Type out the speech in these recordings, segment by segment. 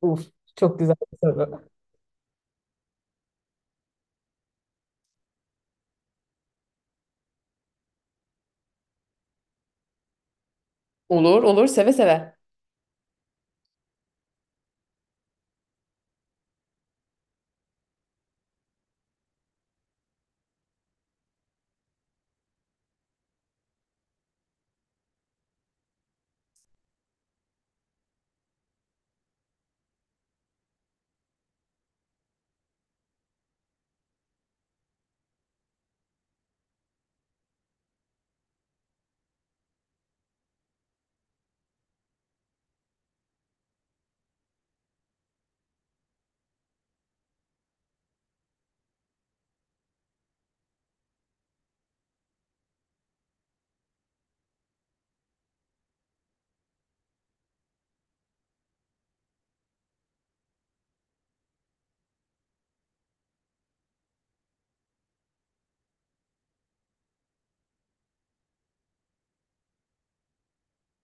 Uf, çok güzel bir soru. Olur olur, seve seve.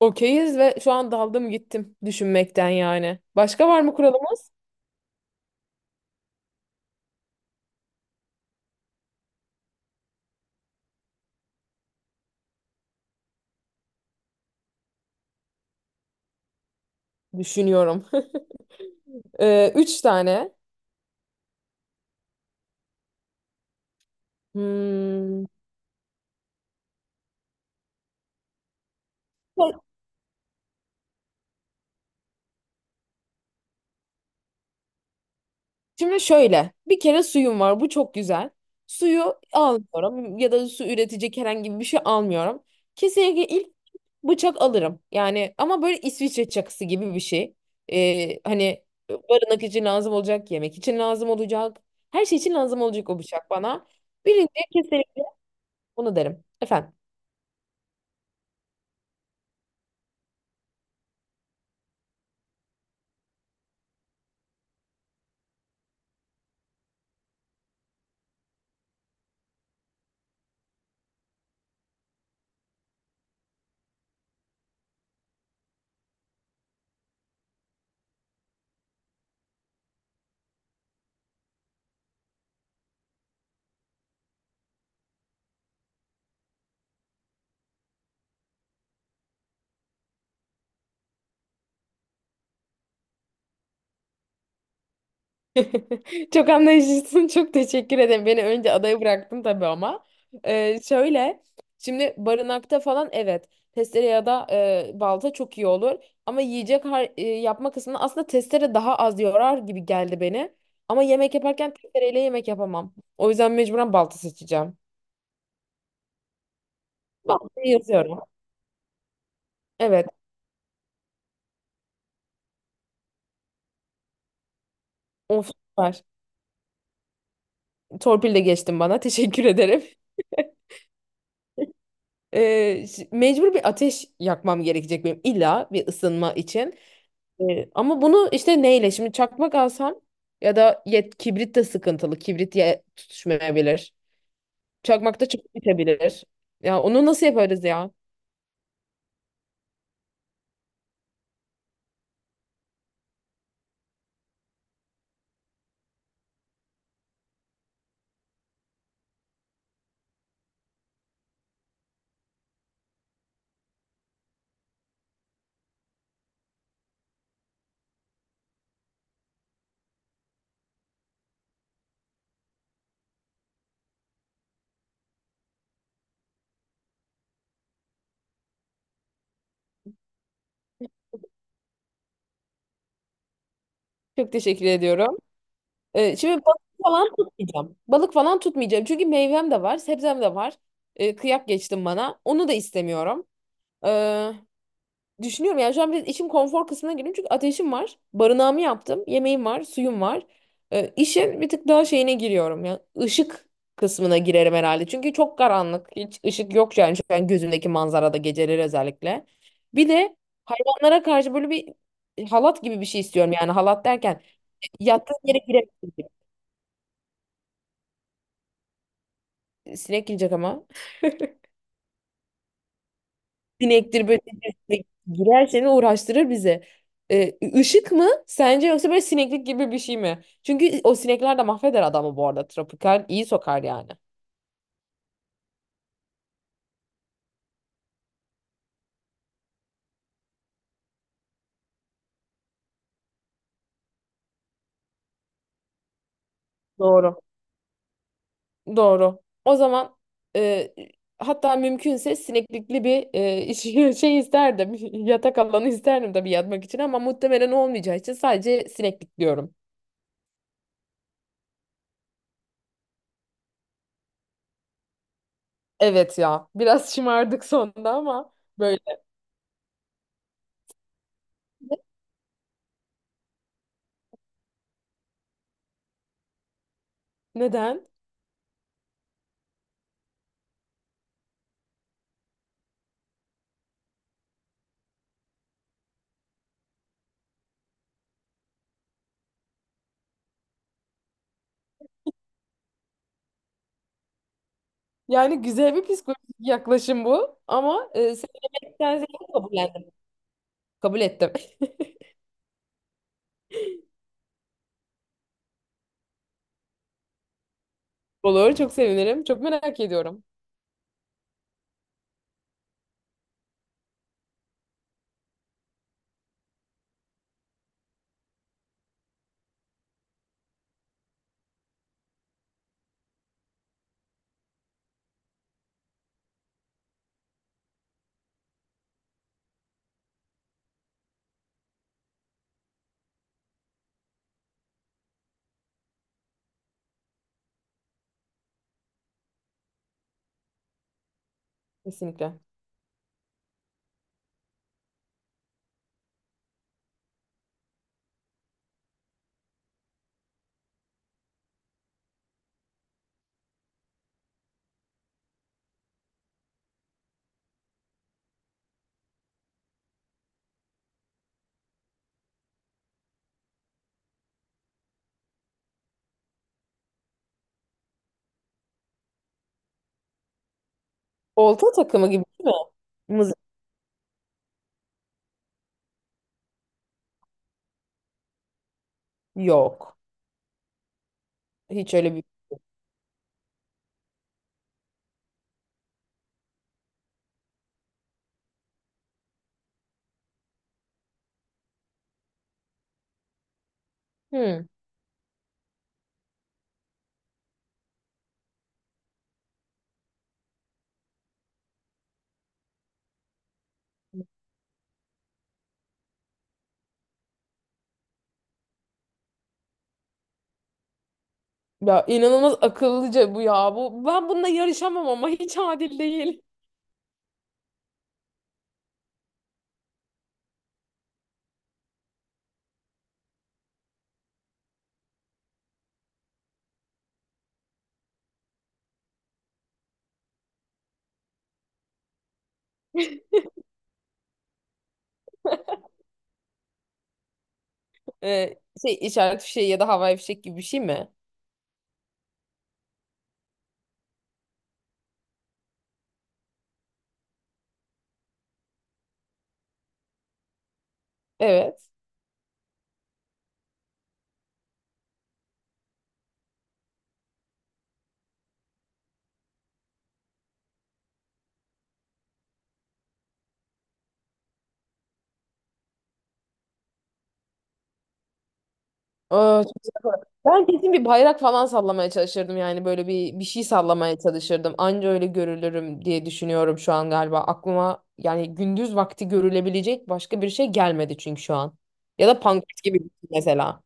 Okeyiz, ve şu an daldım gittim düşünmekten yani. Başka var mı kuralımız? Düşünüyorum. Üç tane. Hmm. Şimdi şöyle, bir kere suyum var. Bu çok güzel. Suyu almıyorum ya da su üretecek herhangi bir şey almıyorum. Kesinlikle ilk bıçak alırım. Yani ama böyle İsviçre çakısı gibi bir şey. Hani barınak için lazım olacak, yemek için lazım olacak. Her şey için lazım olacak o bıçak bana. Birinci kesinlikle bunu derim. Efendim. Çok anlayışlısın. Çok teşekkür ederim. Beni önce adaya bıraktın tabii ama. Şöyle, şimdi barınakta falan, evet, testere ya da balta çok iyi olur. Ama yiyecek yapma kısmında aslında testere daha az yorar gibi geldi beni. Ama yemek yaparken testereyle yemek yapamam. O yüzden mecburen balta seçeceğim. Baltayı yazıyorum. Evet. Of, süper. Torpil de geçtin bana. Teşekkür ederim. Mecbur bir ateş yakmam gerekecek benim, illa bir ısınma için. Ama bunu işte neyle? Şimdi çakmak alsam ya da kibrit de sıkıntılı. Kibrit tutuşmayabilir. Çakmak da çabuk bitebilir. Ya onu nasıl yaparız ya? Çok teşekkür ediyorum. Şimdi balık falan tutmayacağım. Balık falan tutmayacağım. Çünkü meyvem de var, sebzem de var. Kıyak geçtim bana. Onu da istemiyorum. Ee, Düşünüyorum yani şu an biraz işim konfor kısmına girdim, çünkü ateşim var, barınağımı yaptım, yemeğim var, suyum var. İşin bir tık daha şeyine giriyorum, yani ışık kısmına girerim herhalde. Çünkü çok karanlık, hiç ışık yok yani şu an gözümdeki manzarada, geceleri özellikle. Bir de hayvanlara karşı böyle bir halat gibi bir şey istiyorum, yani halat derken yattığım yere giremezsin. Sinek girecek ama. Sinektir, böcektir, girer seni uğraştırır bizi. Işık mı sence, yoksa böyle sineklik gibi bir şey mi? Çünkü o sinekler de mahveder adamı bu arada. Tropikal iyi sokar yani. Doğru. Doğru. O zaman e, hatta mümkünse sineklikli bir şey isterdim. Yatak alanı isterdim tabii yatmak için, ama muhtemelen olmayacağı için sadece sineklik diyorum. Evet ya. Biraz şımardık sonunda ama böyle. Neden? Yani güzel bir psikolojik yaklaşım bu, ama seni yemekten ziyade kabullendim. Kabul ettim. Olur. Çok sevinirim. Çok merak ediyorum. Kesinlikle. Olta takımı gibi değil mi? Mızı- Yok. Hiç öyle bir... Hmm. Ya inanılmaz akıllıca bu ya. Bu, ben bununla yarışamam ama, hiç adil değil. Şey, işaret fişeği ya da havai fişek gibi bir şey mi? Evet. Aa, çok güzel. Ben kesin bir bayrak falan sallamaya çalışırdım, yani böyle bir şey sallamaya çalışırdım. Anca öyle görülürüm diye düşünüyorum şu an galiba. Aklıma yani gündüz vakti görülebilecek başka bir şey gelmedi çünkü şu an. Ya da pankart gibi bir şey mesela.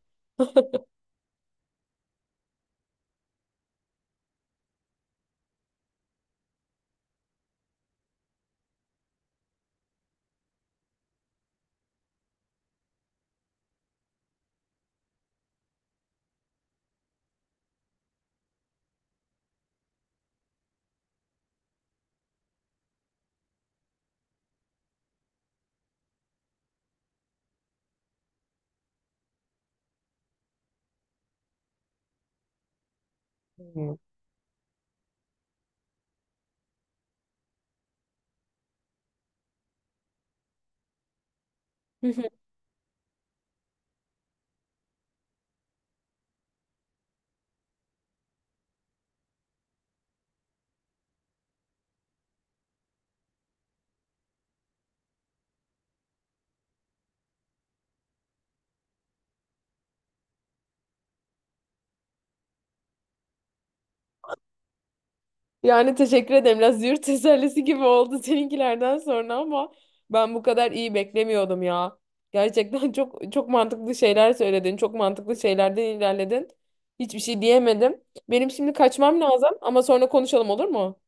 Hmm. Hı hı. Yani teşekkür ederim. Biraz yurt tesellisi gibi oldu seninkilerden sonra, ama ben bu kadar iyi beklemiyordum ya. Gerçekten çok çok mantıklı şeyler söyledin. Çok mantıklı şeylerden ilerledin. Hiçbir şey diyemedim. Benim şimdi kaçmam lazım, ama sonra konuşalım, olur mu?